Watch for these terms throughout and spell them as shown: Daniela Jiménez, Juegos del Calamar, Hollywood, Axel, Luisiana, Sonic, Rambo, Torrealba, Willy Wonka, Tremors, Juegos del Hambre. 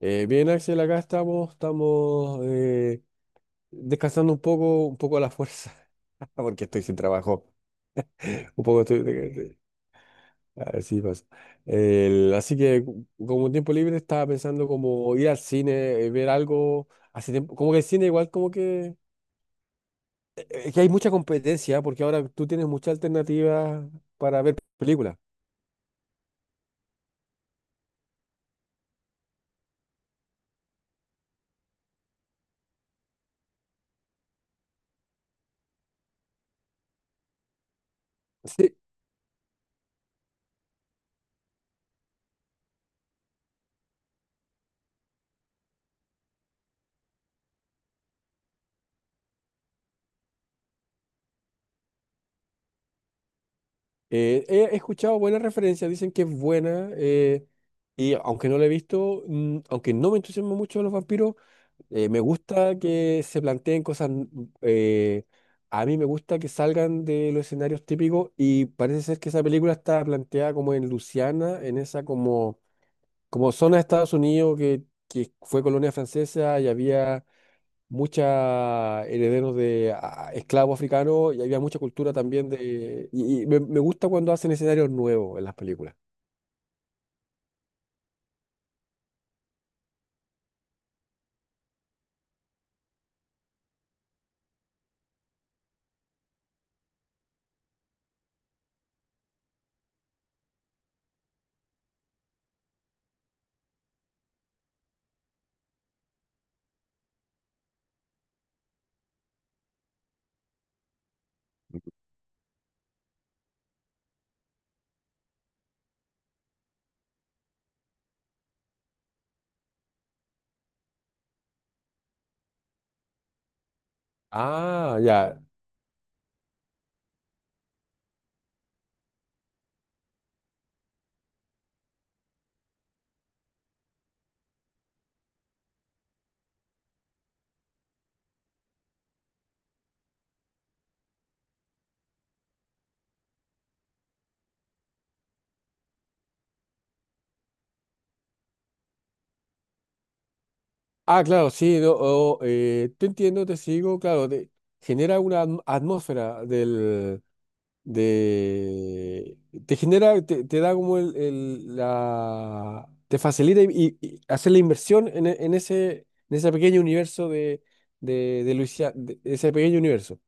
Bien, Axel, acá estamos, estamos, descansando un poco a la fuerza, porque estoy sin trabajo. Un poco estoy. Así pasa. Así que, como tiempo libre, estaba pensando como ir al cine, ver algo. Hace tiempo, como que el cine, igual, como que. Es que hay mucha competencia, porque ahora tú tienes muchas alternativas para ver películas. Sí. He escuchado buenas referencias, dicen que es buena, y aunque no la he visto, aunque no me entusiasma mucho los vampiros, me gusta que se planteen cosas, eh, a mí me gusta que salgan de los escenarios típicos, y parece ser que esa película está planteada como en Luisiana, en esa como, como zona de Estados Unidos que fue colonia francesa, y había muchos herederos de esclavos africanos, y había mucha cultura también de... Y me gusta cuando hacen escenarios nuevos en las películas. Ah, ya. Ah, claro, sí, no, oh, te entiendo, te sigo, claro, genera una atmósfera del... de... te genera, te da como la... te facilita y, y hacer la inversión en, en ese pequeño universo de, de Luisiana, de ese pequeño universo.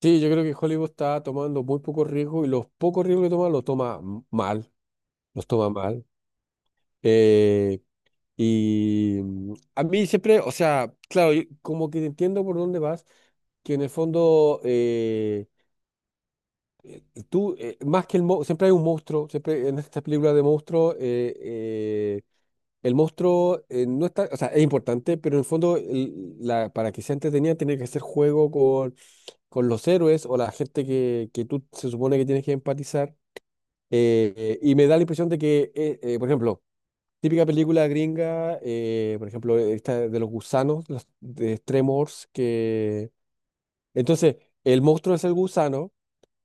Sí, yo creo que Hollywood está tomando muy pocos riesgos y los pocos riesgos que toma los toma mal, los toma mal. Eh, y a mí siempre, o sea, claro, yo como que entiendo por dónde vas, que en el fondo tú, más que el monstruo, siempre hay un monstruo, siempre en estas películas de monstruos, el monstruo no está, o sea, es importante, pero en el fondo la, para que sea entretenida tiene que hacer juego con los héroes o la gente que tú se supone que tienes que empatizar. Y me da la impresión de que, por ejemplo, típica película gringa, por ejemplo, esta de los gusanos, los, de Tremors, que... Entonces, el monstruo es el gusano,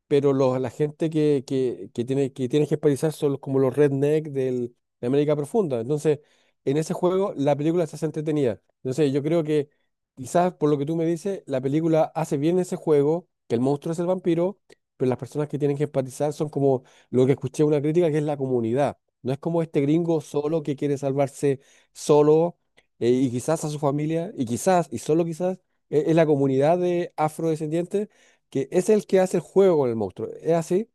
pero los, la gente que tiene, que tienes que esparizar son como los redneck del, de América Profunda. Entonces, en ese juego la película se hace entretenida. Entonces, yo creo que quizás por lo que tú me dices, la película hace bien ese juego, que el monstruo es el vampiro, pero las personas que tienen que empatizar son como lo que escuché una crítica, que es la comunidad. No es como este gringo solo que quiere salvarse solo y quizás a su familia, y quizás, y solo quizás, es la comunidad de afrodescendientes que es el que hace el juego con el monstruo. ¿Es así?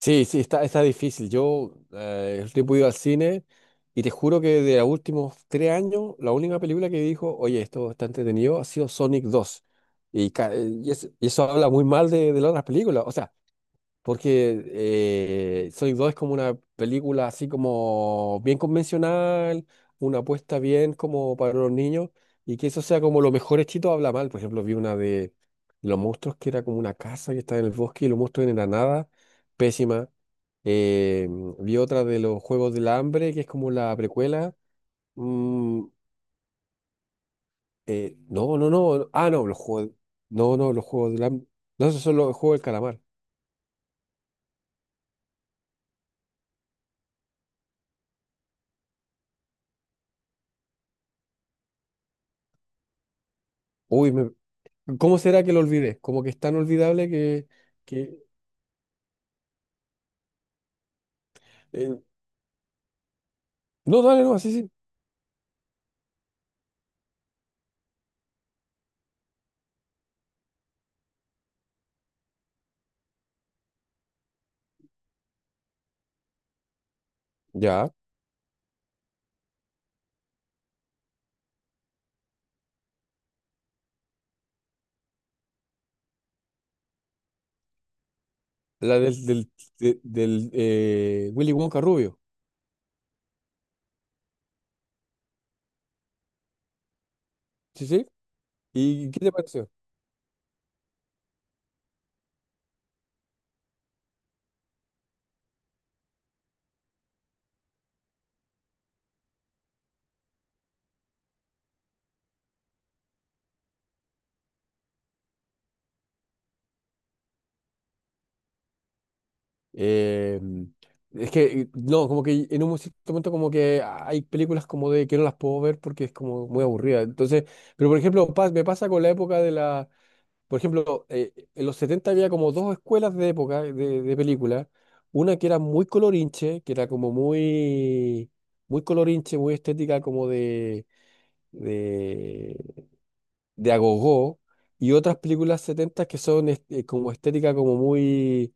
Sí, sí, está, está difícil. Yo el tipo he ido al cine y te juro que de los últimos 3 años, la única película que dijo, oye, esto está entretenido, ha sido Sonic 2. Y y eso habla muy mal de las otras películas. O sea, porque Sonic 2 es como una película así como bien convencional, una apuesta bien como para los niños, y que eso sea como lo mejor hechito habla mal. Por ejemplo, vi una de los monstruos que era como una casa que estaba en el bosque y los monstruos en la nada, pésima. Eh, Vi otra de los Juegos del Hambre, que es como la precuela. Mm, no, no, no. Ah, no, los juegos. No, no, los Juegos del Hambre. No, esos son los Juegos del Calamar. Uy, me, ¿cómo será que lo olvidé? Como que es tan olvidable que... que eh, no, dale, no, sí, sí. Ya. La del Willy Wonka rubio. Sí, sí. ¿Y qué te pareció? Eh, es que, no, como que en un cierto momento como que hay películas como de que no las puedo ver porque es como muy aburrida. Entonces, pero por ejemplo, me pasa con la época de la... Por ejemplo, en los 70 había como dos escuelas de época, de película. Una que era muy colorinche, que era como muy, muy colorinche, muy estética, como de, de agogó. Y otras películas 70 que son como estética,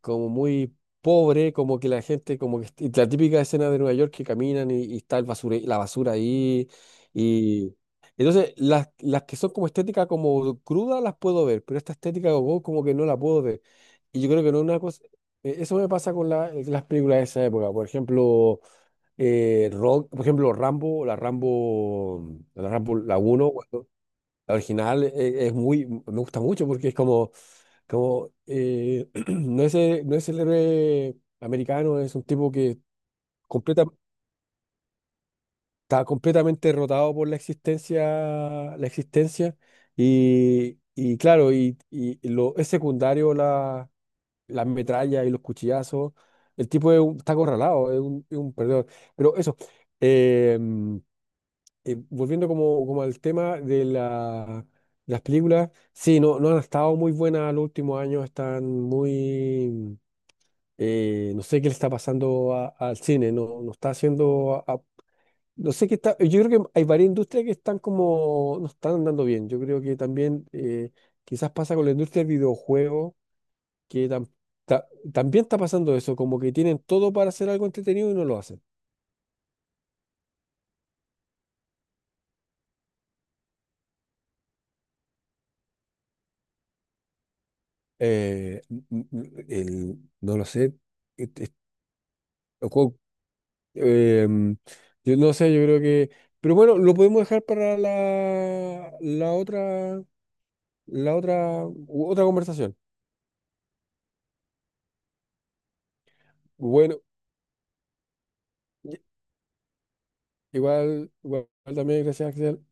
como muy pobre, como que la gente, como que y la típica escena de Nueva York que caminan y está el la basura ahí. Y entonces las que son como estética como cruda las puedo ver, pero esta estética como, como que no la puedo ver. Y yo creo que no es una cosa. Eso me pasa con las películas de esa época. Por ejemplo, Rock, por ejemplo, Rambo, la Rambo, la Rambo, la uno, la original, es muy, me gusta mucho porque es como como, no es, no es el héroe americano, es un tipo que completa, está completamente derrotado por la existencia, la existencia, y claro, y lo, es secundario la, las metrallas y los cuchillazos. El tipo es está acorralado, es un perdedor. Pero eso, eh, volviendo como, como al tema de las películas, sí, no, no han estado muy buenas en los últimos años, están muy... No sé qué le está pasando al cine, no, no está haciendo... no sé qué está... Yo creo que hay varias industrias que están como... no están andando bien. Yo creo que también quizás pasa con la industria del videojuego, que ta- también está pasando eso, como que tienen todo para hacer algo entretenido y no lo hacen. Eh, no lo sé. et- et- o cu- em, yo no sé, yo creo que... Pero bueno, lo podemos dejar para la, la otra, otra conversación. Bueno, i- igual, igual también, gracias, Axel.